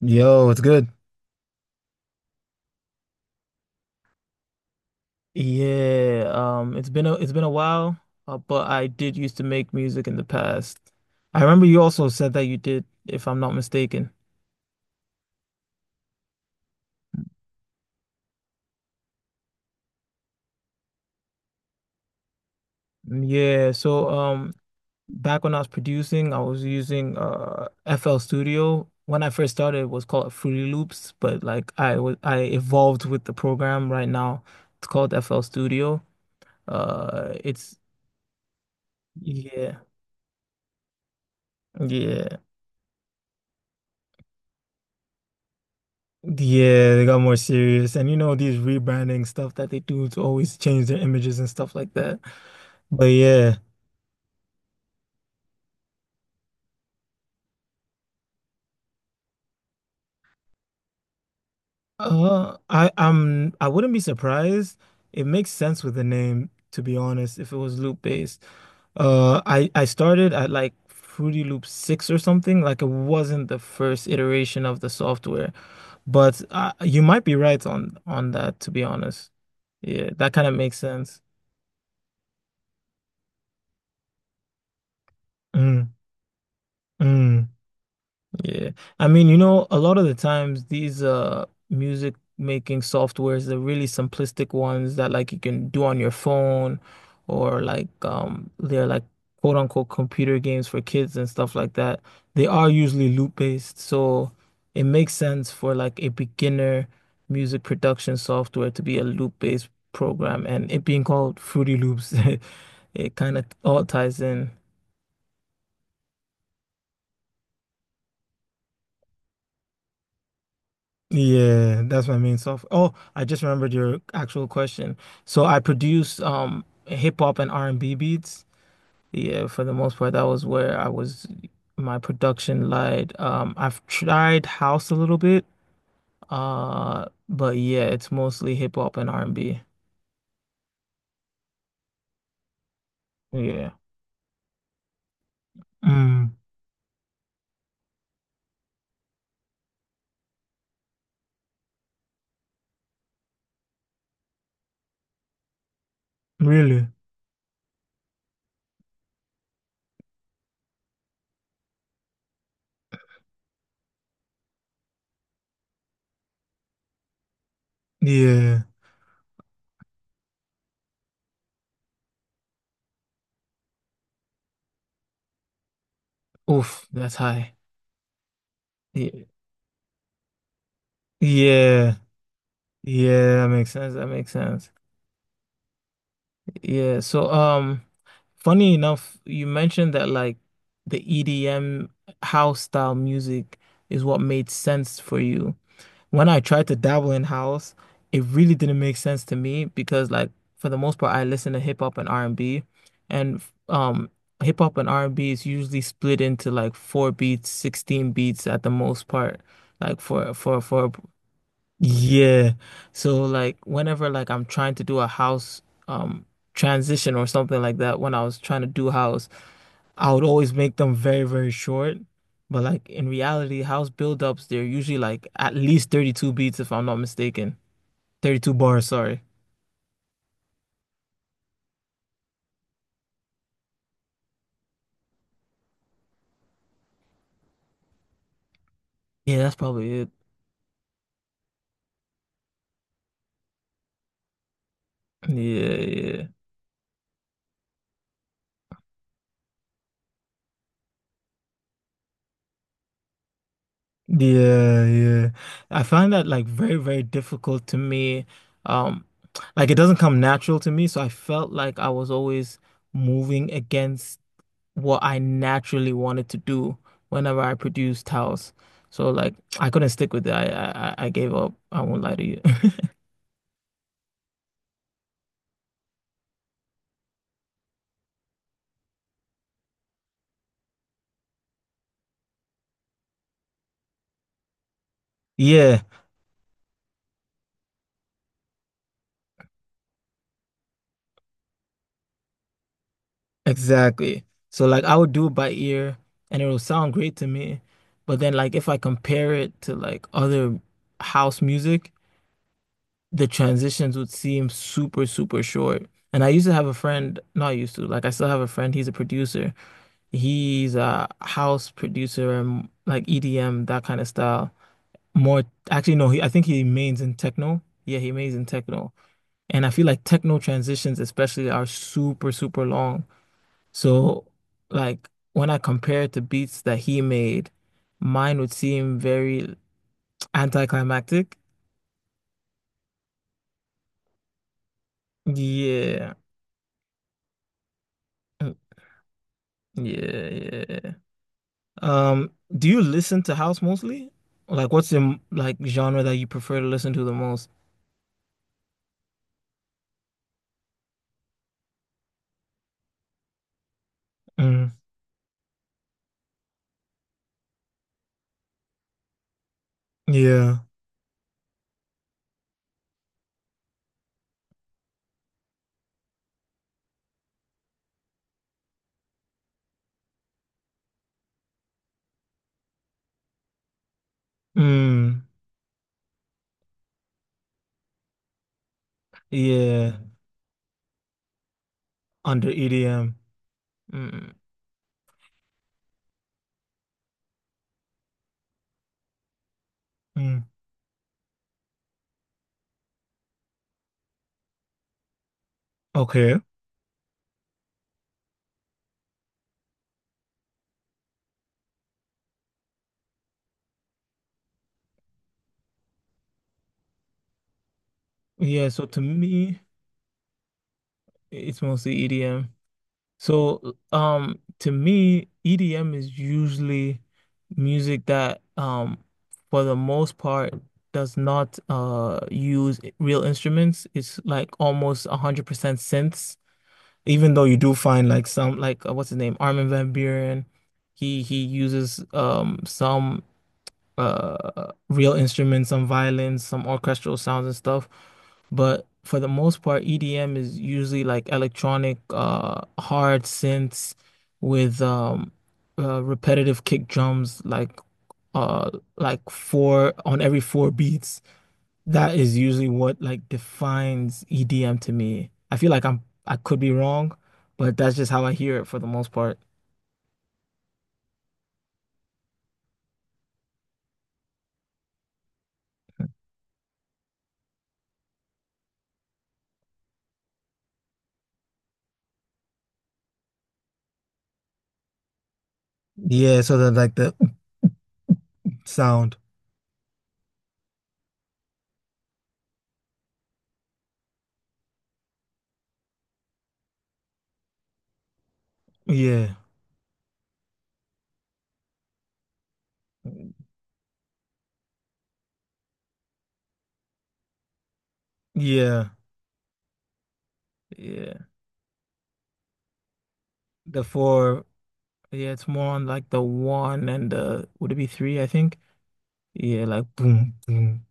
Yo, it's good. Yeah, it's been a while, but I did used to make music in the past. I remember you also said that you did, if I'm not mistaken. Mm. Yeah, so, back when I was producing, I was using FL Studio. When I first started, it was called Fruity Loops, but like I evolved with the program. Right now, it's called FL Studio. It's Yeah, yeah. Yeah, they got more serious. And these rebranding stuff that they do to always change their images and stuff like that. But yeah, I wouldn't be surprised. It makes sense with the name, to be honest, if it was loop based. I started at like Fruity Loop 6 or something. Like it wasn't the first iteration of the software, but you might be right on that, to be honest. Yeah, that kind of makes sense. Mm, mm. Yeah. I mean, a lot of the times these music making softwares, the really simplistic ones that like you can do on your phone or like they're like quote unquote computer games for kids and stuff like that. They are usually loop based, so it makes sense for like a beginner music production software to be a loop based program and it being called Fruity Loops. It kind of all ties in. Yeah, that's my main stuff. Oh, I just remembered your actual question. So I produced hip hop and R&B beats. Yeah, for the most part, that was where I was my production lied. I've tried house a little bit, but yeah, it's mostly hip hop and R&B. Yeah. Mm, really? Yeah. Oof, that's high. Yeah. Yeah. Yeah, that makes sense. That makes sense. Yeah. So, funny enough, you mentioned that like the EDM house style music is what made sense for you. When I tried to dabble in house, it really didn't make sense to me because like for the most part I listen to hip hop and R&B and um hip hop and R&B is usually split into like four beats, 16 beats at the most part like for yeah. So like whenever like I'm trying to do a house um transition or something like that, when I was trying to do house, I would always make them very, very short. But like in reality, house build-ups, they're usually like at least 32 beats if I'm not mistaken. 32 bars, sorry. Yeah, that's probably it. Yeah, yeah. Yeah, yeah. I find that like very, very difficult to me. Um, like it doesn't come natural to me, so I felt like I was always moving against what I naturally wanted to do whenever I produced house. So like I couldn't stick with it. I gave up. I won't lie to you. Yeah, exactly. So like I would do it by ear and it'll sound great to me. But then like if I compare it to like other house music, the transitions would seem super, super short. And I used to have a friend, not used to, like I still have a friend, he's a producer. He's a house producer and like EDM, that kind of style. More, actually no, he I think he mains in techno. Yeah, he mains in techno. And I feel like techno transitions especially are super super long. So like when I compare it to beats that he made, mine would seem very anticlimactic. Yeah. Mm, yeah, yeah. um do you listen to house mostly, like what's your like genre that you prefer to listen to the most? Mm, yeah. Mm, yeah, under EDM. Mm. Mm. Okay. Yeah, so to me, it's mostly EDM. So, to me, EDM is usually music that, for the most part, does not use real instruments. It's like almost 100% synths, even though you do find like some like what's his name, Armin van Buuren. He uses some real instruments, some violins, some orchestral sounds and stuff. But for the most part, EDM is usually like electronic hard synths with repetitive kick drums uh like four on every four beats. That is usually what like defines EDM to me. I feel like I could be wrong, but that's just how I hear it for the most part. Yeah, so the sound. Yeah. Yeah. Yeah. The four, yeah, it's more on like the one and the would it be three, I think? Yeah, like boom, boom.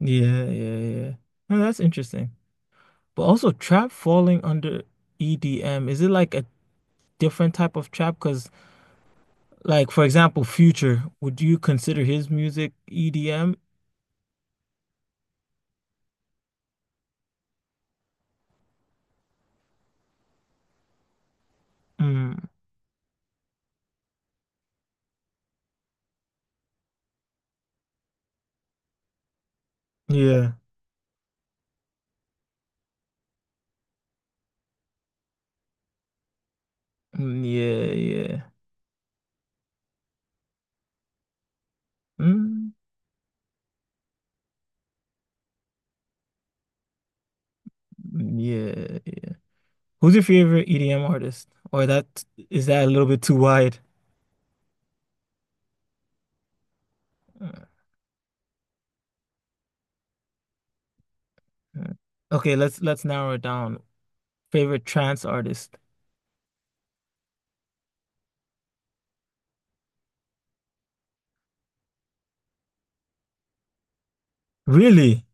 Yeah, yeah, yeah. No, that's interesting. But also trap falling under EDM, is it like a different type of trap? Because like for example, Future, would you consider his music EDM? Mm, yeah. Mm, yeah, yeah. Mm, yeah. Who's your favorite EDM artist? Or that, is that a little bit too wide? Mm. Okay, let's narrow it down. Favorite trance artist. Really?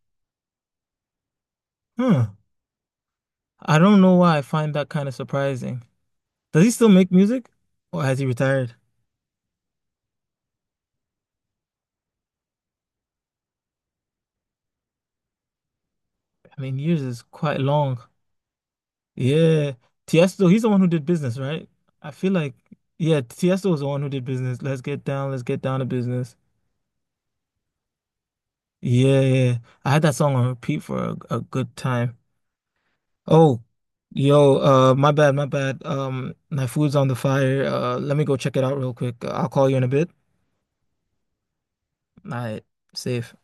Huh. I don't know why I find that kind of surprising. Does he still make music? Or has he retired? I mean, years is quite long. Yeah. Tiesto, he's the one who did business, right? I feel like yeah, Tiesto was the one who did business. Let's get down to business. Yeah, yeah, yeah. I had that song on repeat for a good time. Oh, yo, my bad, my bad. My food's on the fire. Let me go check it out real quick. I'll call you in a bit. All right, safe.